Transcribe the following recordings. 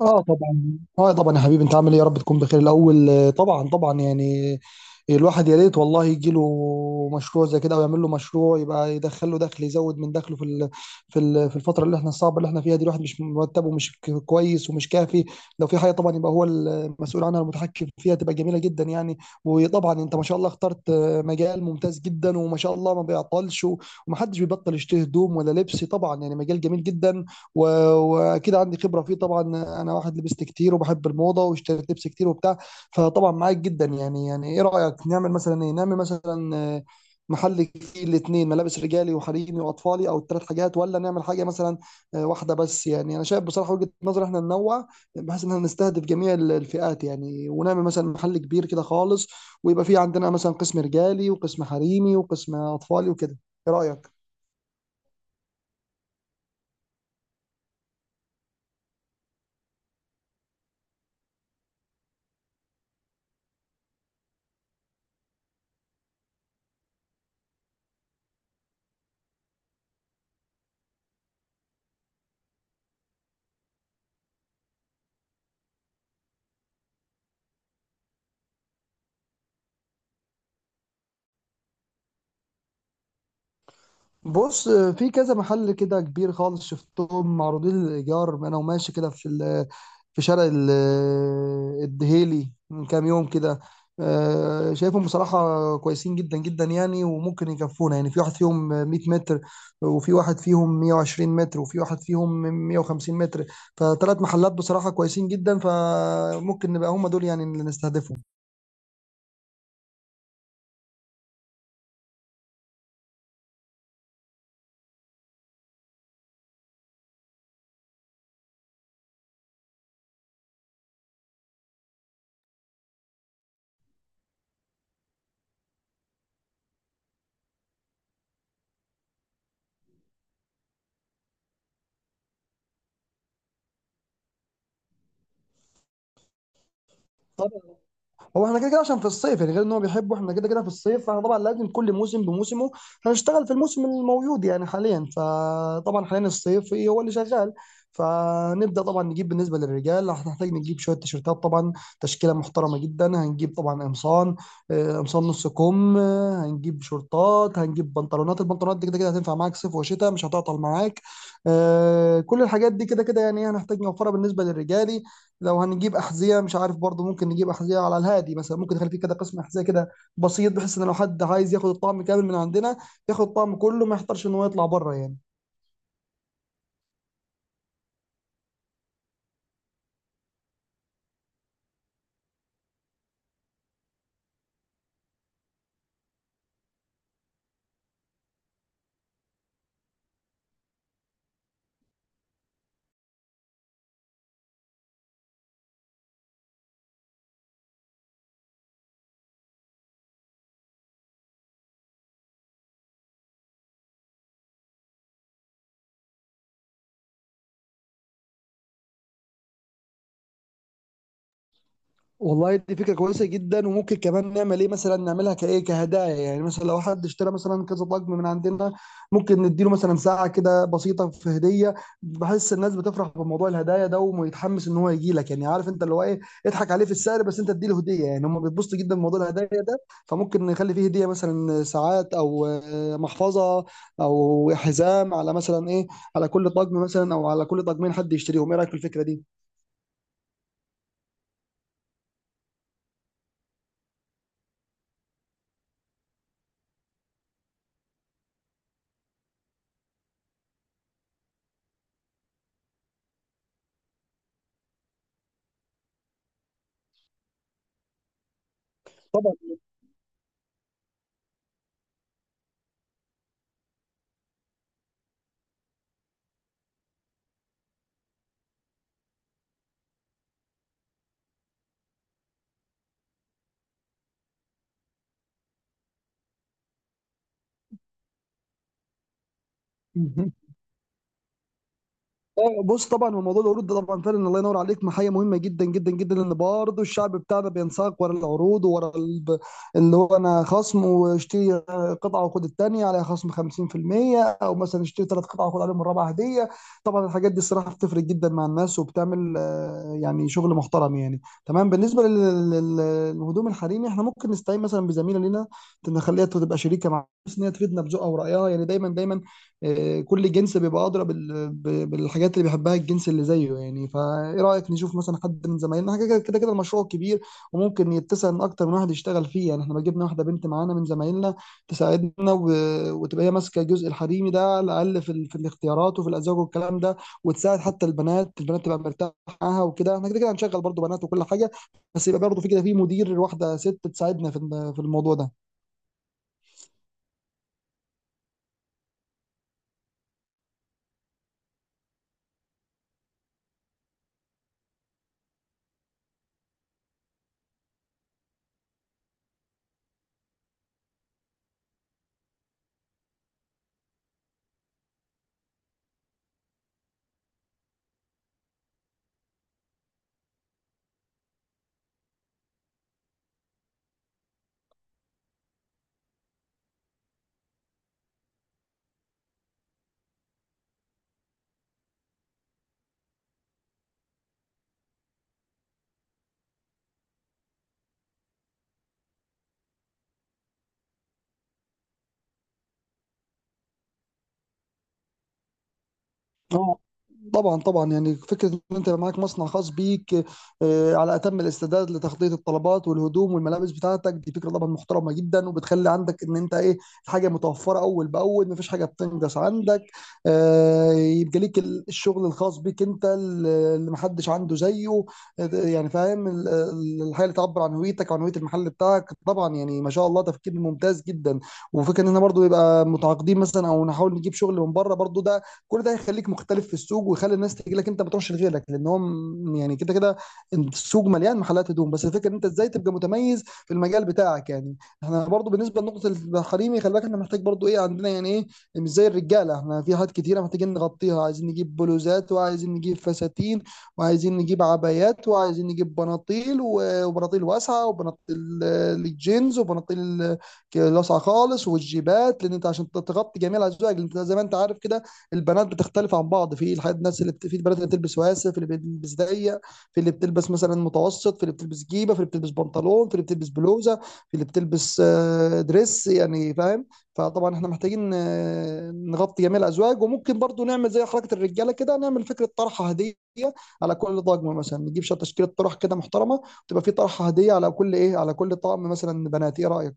اه طبعا اه طبعا يا حبيبي، انت عامل ايه؟ يا رب تكون بخير الاول. طبعا طبعا، يعني الواحد يا ريت والله يجي له مشروع زي كده او يعمل له مشروع يبقى يدخل له دخل، يزود من دخله في الفتره اللي احنا الصعبه اللي احنا فيها دي. الواحد مش مرتبه، مش كويس ومش كافي. لو في حاجه طبعا يبقى هو المسؤول عنها، المتحكم فيها، تبقى جميله جدا يعني. وطبعا انت ما شاء الله اخترت مجال ممتاز جدا، وما شاء الله ما بيعطلش ومحدش بيبطل يشتري هدوم ولا لبس، طبعا يعني مجال جميل جدا. و- واكيد عندي خبره فيه طبعا. انا واحد لبست كتير وبحب الموضه واشتريت لبس كتير وبتاع. فطبعا معاك جدا يعني. يعني ايه رايك، نعمل مثلا ايه، نعمل مثلا محل فيه الاثنين، ملابس رجالي وحريمي واطفالي، او الثلاث حاجات، ولا نعمل حاجه مثلا واحده بس؟ يعني انا شايف بصراحه وجهه نظر احنا ننوع، بحيث ان احنا نستهدف جميع الفئات يعني، ونعمل مثلا محل كبير كده خالص، ويبقى فيه عندنا مثلا قسم رجالي وقسم حريمي وقسم اطفالي وكده. ايه رايك؟ بص، في كذا محل كده كبير خالص شفتهم معروضين للإيجار، أنا وماشي كده في شارع الدهيلي من كام يوم كده. شايفهم بصراحة كويسين جدا جدا يعني، وممكن يكفونا. يعني في واحد فيهم 100 متر، وفي واحد فيهم 120 متر، وفي واحد فيهم 150 متر. فثلاث محلات بصراحة كويسين جدا، فممكن نبقى هم دول يعني اللي نستهدفهم. هو احنا كده كده عشان في الصيف، يعني غير ان هو بيحبه، احنا كده كده في الصيف، فاحنا طبعا لازم كل موسم بموسمه. هنشتغل في الموسم الموجود يعني حاليا، فطبعا حاليا الصيف إيه هو اللي شغال. فنبدا طبعا نجيب، بالنسبه للرجال هنحتاج نجيب شويه تيشيرتات طبعا، تشكيله محترمه جدا، هنجيب طبعا قمصان، قمصان نص كم، هنجيب شورتات، هنجيب بنطلونات. البنطلونات دي كده كده هتنفع معاك صيف وشتاء، مش هتعطل معاك. كل الحاجات دي كده كده يعني هنحتاج نوفرها بالنسبه للرجال. لو هنجيب احذيه، مش عارف برضه، ممكن نجيب احذيه على الهادي مثلا، ممكن نخلي فيه كده قسم احذيه كده بسيط، بحيث ان لو حد عايز ياخد الطعم كامل من عندنا ياخد الطعم كله، ما يحتارش ان هو يطلع بره يعني. والله دي فكرة كويسة جدا، وممكن كمان نعمل ايه، مثلا نعملها كايه كهدايا. يعني مثلا لو حد اشترى مثلا كذا طقم من عندنا، ممكن نديله مثلا ساعة كده بسيطة في هدية. بحس الناس بتفرح بموضوع الهدايا ده، ويتحمس ان هو يجي لك. يعني عارف انت اللي هو ايه، اضحك عليه في السعر بس انت اديله هدية. يعني هم بيتبسطوا جدا بموضوع الهدايا ده. فممكن نخلي فيه هدية مثلا ساعات، او محفظة، او حزام، على مثلا ايه، على كل طقم مثلا، او على كل طقمين حد يشتريهم. ايه رأيك في الفكرة دي؟ طبعا بص، طبعا هو موضوع العروض ده طبعا فعلا الله ينور عليك، محاية مهمة جدا جدا جدا. لان برضه الشعب بتاعنا بينساق ورا العروض، ورا اللي هو انا خصم، واشتري قطعة وخد التانية عليها خصم 50%، او مثلا اشتري ثلاث قطع وخد عليهم الرابعة هدية. طبعا الحاجات دي الصراحة بتفرق جدا مع الناس، وبتعمل يعني شغل محترم يعني. تمام، بالنسبة للهدوم الحريمي احنا ممكن نستعين مثلا بزميلة لنا، نخليها تبقى شريكة معانا، بس ان هي تفيدنا بذوقها ورأيها يعني دايما دايما. كل جنس بيبقى أدرى بالحاجات اللي بيحبها الجنس اللي زيه يعني. فإيه رأيك نشوف مثلا حد من زمايلنا؟ حاجة كده كده كده المشروع كبير، وممكن يتسع إن أكتر من واحد يشتغل فيه يعني. إحنا لو جبنا واحدة بنت معانا من زمايلنا تساعدنا، وتبقى هي ماسكة الجزء الحريمي ده، على الأقل في الاختيارات وفي الأزواج والكلام ده، وتساعد حتى البنات. البنات تبقى مرتاحة معاها وكده. إحنا كده كده هنشغل برضه بنات وكل حاجة، بس يبقى برضه في كده في مدير، واحدة ست تساعدنا في الموضوع ده. اه طبعا، طبعا يعني فكره ان انت يبقى معاك مصنع خاص بيك على اتم الاستعداد لتغطيه الطلبات والهدوم والملابس بتاعتك، دي فكره طبعا محترمه جدا، وبتخلي عندك ان انت ايه، الحاجه متوفره اول باول، مفيش حاجه بتنقص عندك. يبقى ليك الشغل الخاص بيك انت، اللي اللي محدش عنده زيه. يعني فاهم الحاجه اللي تعبر عن هويتك وعن هويه المحل بتاعك. طبعا يعني ما شاء الله تفكير ممتاز جدا. وفكره ان احنا برضه يبقى متعاقدين مثلا، او نحاول نجيب شغل من بره برضه، ده كل ده هيخليك مختلف في السوق، ويخلي الناس تيجي لك انت ما تروحش لغيرك. لان هو يعني كده كده السوق مليان محلات هدوم، بس الفكره ان انت ازاي تبقى متميز في المجال بتاعك يعني. احنا برضو بالنسبه لنقطه الحريمي، خلي بالك احنا محتاج برضو ايه عندنا، يعني ايه، مش زي الرجاله. احنا في حاجات كتيره محتاجين نغطيها، عايزين نجيب بلوزات، وعايزين نجيب فساتين، وعايزين نجيب عبايات، وعايزين نجيب بناطيل وبناطيل واسعه، وبناطيل الجينز، وبناطيل لاسعه خالص، والجيبات. لان انت عشان تغطي جميع الازواج، لان انت زي ما انت عارف كده البنات بتختلف عن بعض في الحاجات. الناس في البنات اللي بتلبس واسع، في اللي بتلبس ضيق، في اللي بتلبس مثلا متوسط، في اللي بتلبس جيبه، في اللي بتلبس بنطلون، في اللي بتلبس بلوزه، في اللي بتلبس دريس، يعني فاهم. فطبعا احنا محتاجين نغطي جميع الازواج. وممكن برضو نعمل زي حركه الرجاله كده، نعمل فكره طرحه هديه على كل طقم مثلا. نجيب شويه تشكيله طرح كده محترمه، تبقى في طرحه هديه على كل ايه، على كل طقم مثلا بنات. ايه رايك؟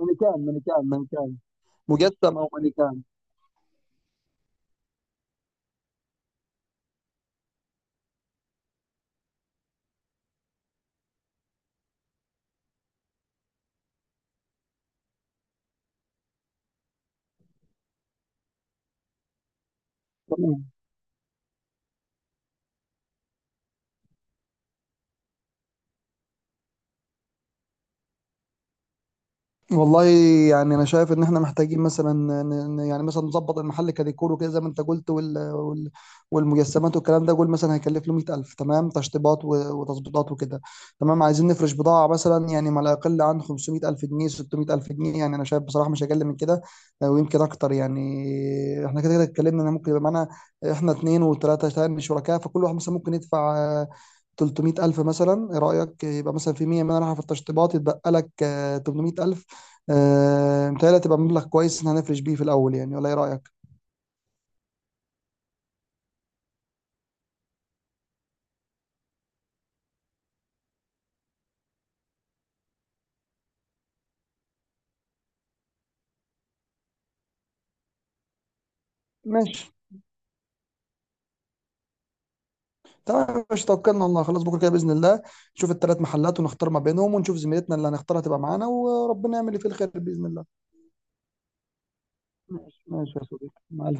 مانيكان، مانيكان، مانيكان. مجسم او مانيكان. تمام. والله، يعني انا شايف ان احنا محتاجين مثلا يعني مثلا نظبط المحل كديكور وكده زي ما انت قلت، والمجسمات والكلام ده. قول مثلا هيكلف له 100,000، تمام تشطيبات وتظبيطات وكده تمام. عايزين نفرش بضاعة مثلا، يعني ما لا يقل عن 500,000 جنيه، 600,000 جنيه. يعني انا شايف بصراحة مش اقل من كده، ويمكن اكتر. يعني احنا كده كده اتكلمنا ان ممكن يبقى معانا احنا اتنين وتلاتة تاني شركاء، فكل واحد مثلا ممكن يدفع 300,000 مثلا. ايه رأيك يبقى مثلا في 100 من راح في التشطيبات، يتبقى لك 800,000. متهيألي هتبقى مبلغ كويس إن هنفرش بيه في الأول يعني، ولا إيه رأيك؟ ماشي، تمام. مش توكلنا على الله خلاص؟ بكرة كده بإذن الله نشوف الثلاث محلات، ونختار ما بينهم، ونشوف زميلتنا اللي هنختارها تبقى معانا، وربنا يعمل اللي فيه الخير بإذن الله. ماشي ماشي يا صديقي، مع